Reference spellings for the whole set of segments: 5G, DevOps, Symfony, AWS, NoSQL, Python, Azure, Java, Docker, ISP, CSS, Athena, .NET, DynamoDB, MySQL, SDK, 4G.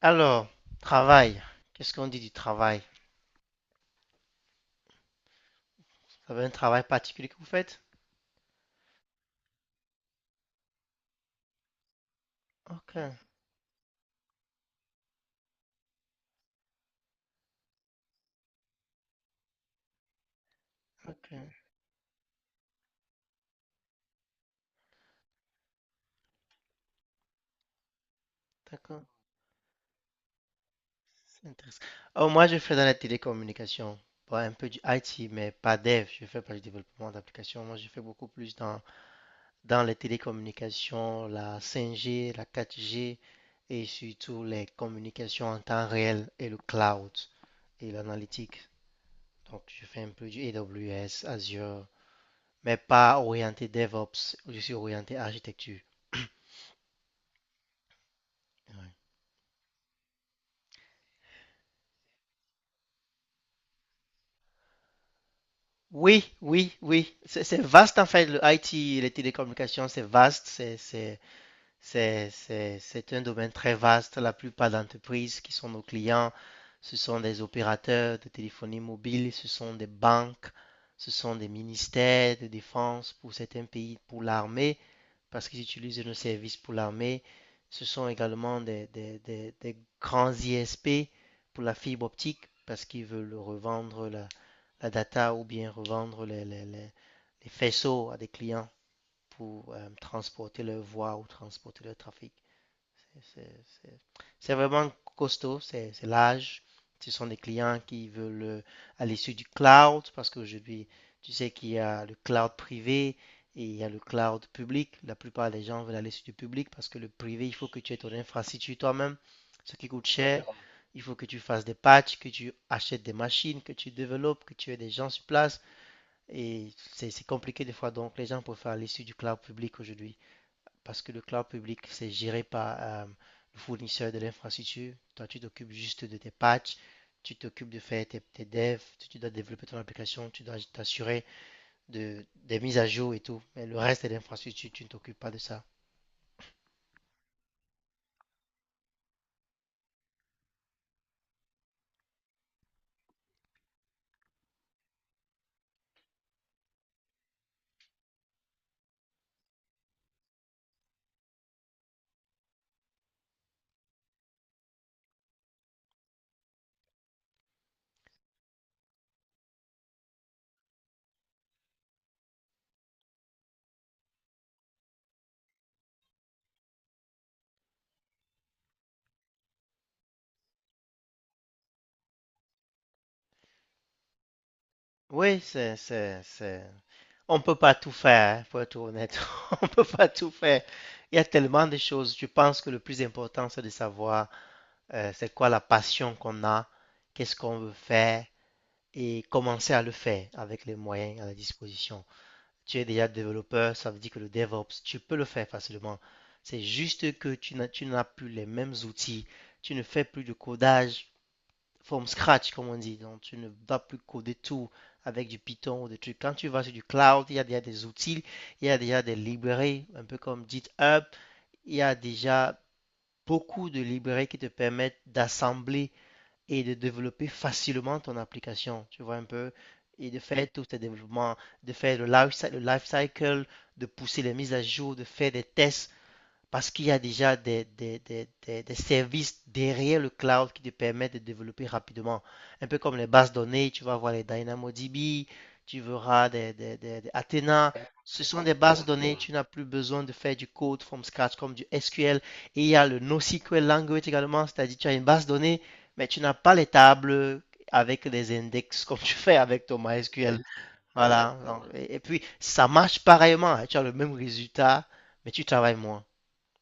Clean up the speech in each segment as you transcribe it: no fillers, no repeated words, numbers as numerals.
Alors, travail. Qu'est-ce qu'on dit du travail? Vous avez un travail particulier que vous faites? Ok, ok, d'accord, c'est intéressant. Oh, moi, je fais dans la télécommunication. Bon, un peu du IT, mais pas dev. Je fais pas du développement d'applications. Moi, je fais beaucoup plus dans les télécommunications, la 5G, la 4G et surtout les communications en temps réel et le cloud et l'analytique. Donc, je fais un peu du AWS, Azure, mais pas orienté DevOps. Je suis orienté architecture. Oui, oui, oui. C'est vaste en fait, le IT, les télécommunications, c'est vaste. C'est un domaine très vaste. La plupart d'entreprises qui sont nos clients, ce sont des opérateurs de téléphonie mobile, ce sont des banques, ce sont des ministères de défense pour certains pays, pour l'armée, parce qu'ils utilisent nos services pour l'armée. Ce sont également des grands ISP pour la fibre optique, parce qu'ils veulent revendre la data ou bien revendre les faisceaux à des clients pour transporter leur voix ou transporter leur trafic. C'est vraiment costaud, c'est large. Ce sont des clients qui veulent aller sur du cloud parce qu'aujourd'hui, tu sais qu'il y a le cloud privé et il y a le cloud public. La plupart des gens veulent aller sur du public parce que le privé, il faut que tu aies ton infrastructure toi-même, ce qui coûte cher. Il faut que tu fasses des patchs, que tu achètes des machines, que tu développes, que tu aies des gens sur place. Et c'est compliqué des fois, donc les gens préfèrent aller sur du cloud public aujourd'hui parce que le cloud public, c'est géré par le fournisseur de l'infrastructure. Toi, tu t'occupes juste de tes patchs, tu t'occupes de faire tes devs, tu dois développer ton application, tu dois t'assurer des mises à jour et tout. Mais le reste de l'infrastructure, tu ne t'occupes pas de ça. Oui, c'est. On ne peut pas tout faire, hein, pour être honnête. On ne peut pas tout faire. Il y a tellement de choses. Je pense que le plus important, c'est de savoir c'est quoi la passion qu'on a, qu'est-ce qu'on veut faire, et commencer à le faire avec les moyens à la disposition. Tu es déjà développeur, ça veut dire que le DevOps, tu peux le faire facilement. C'est juste que tu n'as plus les mêmes outils, tu ne fais plus de codage from scratch, comme on dit. Donc, tu ne vas plus coder tout avec du Python ou des trucs. Quand tu vas sur du cloud, il y a déjà des outils, il y a déjà des librairies, un peu comme GitHub, il y a déjà beaucoup de librairies qui te permettent d'assembler et de développer facilement ton application, tu vois un peu, et de faire tous tes développements, de faire le life cycle, de pousser les mises à jour, de faire des tests. Parce qu'il y a déjà des services derrière le cloud qui te permettent de développer rapidement. Un peu comme les bases données, tu vas voir les DynamoDB, tu verras des Athena. Ce sont des bases données, tu n'as plus besoin de faire du code from scratch comme du SQL. Et il y a le NoSQL language également, c'est-à-dire tu as une base donnée, mais tu n'as pas les tables avec des index comme tu fais avec ton MySQL. Voilà. Donc, et puis, ça marche pareillement, hein. Tu as le même résultat, mais tu travailles moins.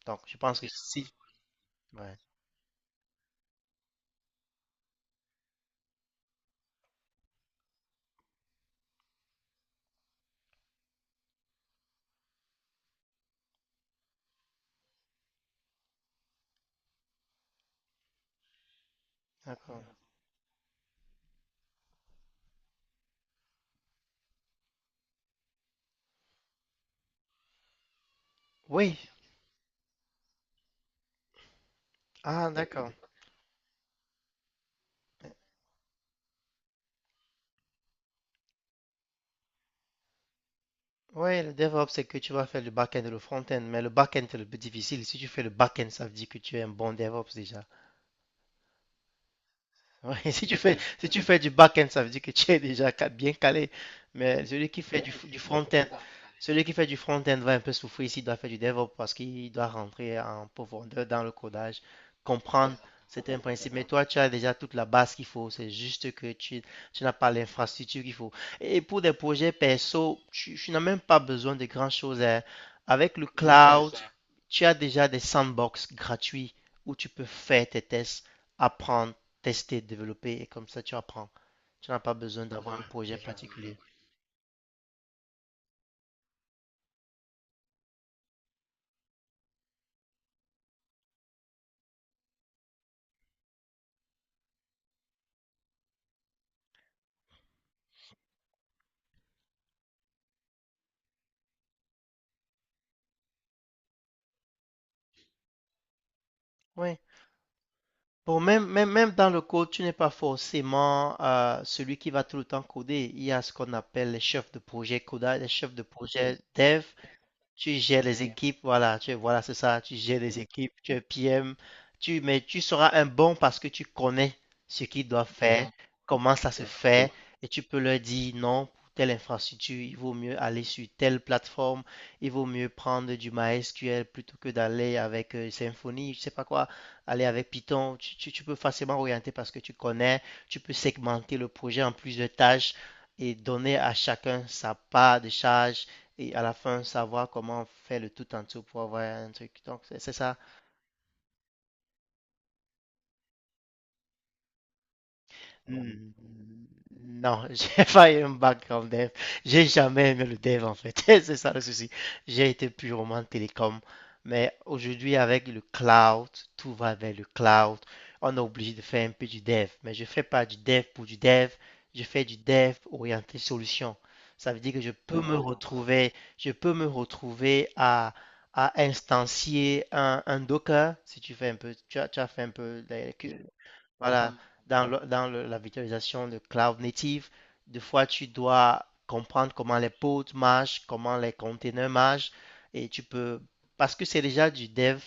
Donc, je pense que si. Ouais, d'accord. Oui. Ah, d'accord. Oui, le DevOps, c'est que tu vas faire le back-end et le front-end, mais le back-end, c'est le plus difficile. Si tu fais le back-end, ça veut dire que tu es un bon DevOps déjà. Ouais, si tu fais du back-end, ça veut dire que tu es déjà bien calé. Mais celui qui fait du front-end, celui qui fait du front-end va un peu souffrir s'il doit faire du DevOps parce qu'il doit rentrer en profondeur dans le codage, comprendre. C'est un principe. Mais toi, tu as déjà toute la base qu'il faut. C'est juste que tu n'as pas l'infrastructure qu'il faut. Et pour des projets perso, tu n'as même pas besoin de grand-chose, hein. Avec le cloud, tu as déjà des sandbox gratuits où tu peux faire tes tests, apprendre, tester, développer, et comme ça tu apprends. Tu n'as pas besoin d'avoir un projet particulier. Oui. Bon, même, même, même dans le code, tu n'es pas forcément celui qui va tout le temps coder. Il y a ce qu'on appelle les chefs de projet codage, les chefs de projet dev. Tu gères les équipes, voilà, tu voilà, c'est ça, tu gères les équipes, tu es PM, tu mais tu seras un bon parce que tu connais ce qu'ils doivent faire, comment ça se fait, et tu peux leur dire non, pour telle infrastructure, il vaut mieux aller sur telle plateforme, il vaut mieux prendre du MySQL plutôt que d'aller avec Symfony, je sais pas quoi, aller avec Python. Tu peux facilement orienter parce que tu connais, tu peux segmenter le projet en plusieurs tâches et donner à chacun sa part de charge et à la fin savoir comment faire le tout en tout pour avoir un truc. Donc, c'est ça. Mm, Non, j'ai pas eu un background dev. J'ai jamais aimé le dev en fait. C'est ça le souci. J'ai été purement télécom. Mais aujourd'hui, avec le cloud, tout va vers le cloud. On est obligé de faire un peu du dev. Mais je fais pas du dev pour du dev. Je fais du dev orienté solution. Ça veut dire que je peux me retrouver à instancier un Docker. Si tu fais un peu, tu as fait un peu voilà, dans la virtualisation de cloud native, des fois tu dois comprendre comment les pods marchent, comment les containers marchent, et tu peux, parce que c'est déjà du dev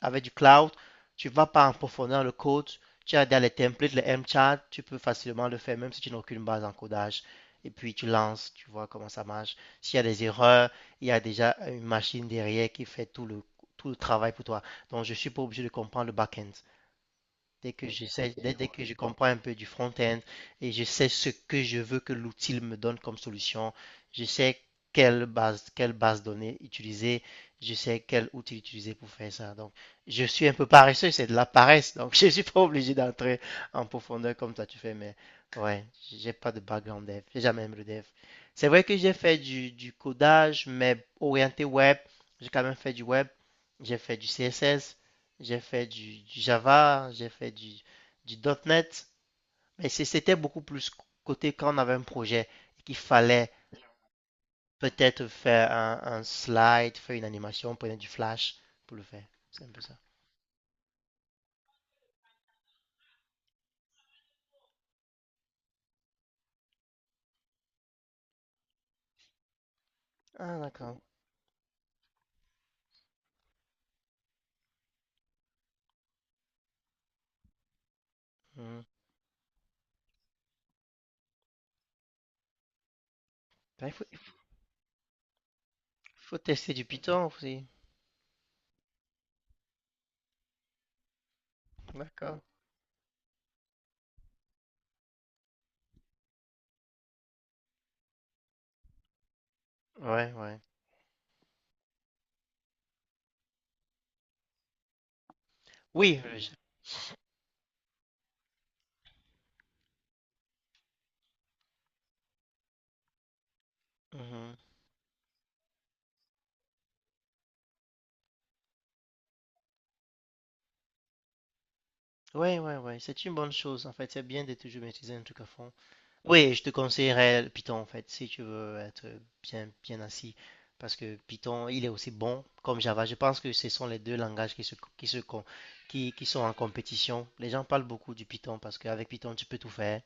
avec du cloud, tu vas pas en profondeur le code, tu as dans les templates, les MChat, tu peux facilement le faire même si tu n'as aucune base en codage, et puis tu lances, tu vois comment ça marche. S'il y a des erreurs, il y a déjà une machine derrière qui fait tout le travail pour toi. Donc je suis pas obligé de comprendre le back-end. Dès que je comprends un peu du front-end et je sais ce que je veux que l'outil me donne comme solution, je sais quelle base données utiliser, je sais quel outil utiliser pour faire ça. Donc, je suis un peu paresseux, c'est de la paresse. Donc, je suis pas obligé d'entrer en profondeur comme toi tu fais, mais ouais, j'ai pas de background dev, j'ai jamais aimé le dev. C'est vrai que j'ai fait du codage, mais orienté web, j'ai quand même fait du web, j'ai fait du CSS, j'ai fait du Java, j'ai fait du .NET, mais c'était beaucoup plus côté quand on avait un projet et qu'il fallait peut-être faire un slide, faire une animation, prendre du flash pour le faire. C'est un peu ça. Ah, d'accord. Hmm. Ben, il faut tester du Python aussi. D'accord. Ouais, ouais. Oui. Mhm. Ouais, ouais, ouais, c'est une bonne chose en fait. C'est bien de toujours maîtriser un truc à fond. Oui, je te conseillerais Python en fait, si tu veux être bien, bien assis. Parce que Python, il est aussi bon comme Java. Je pense que ce sont les deux langages qui se, con- qui sont en compétition. Les gens parlent beaucoup du Python parce qu'avec Python, tu peux tout faire.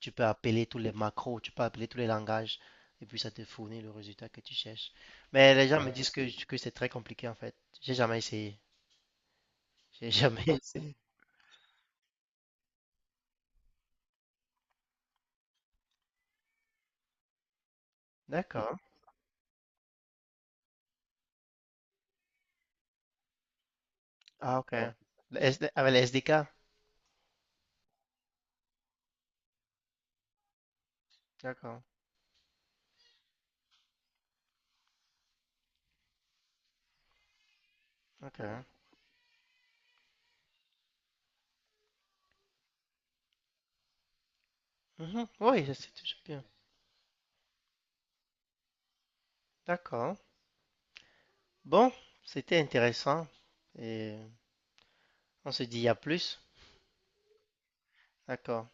Tu peux appeler tous les macros, tu peux appeler tous les langages et puis ça te fournit le résultat que tu cherches. Mais les gens me, ouais, disent que c'est très compliqué en fait. J'ai jamais essayé. J'ai jamais. D'accord. Ah, ok. Ouais. Le SD. Avec les SDK. D'accord. Ok. Mhm. Oui, ça, c'est toujours bien. D'accord. Bon, c'était intéressant. Et on se dit à plus. D'accord.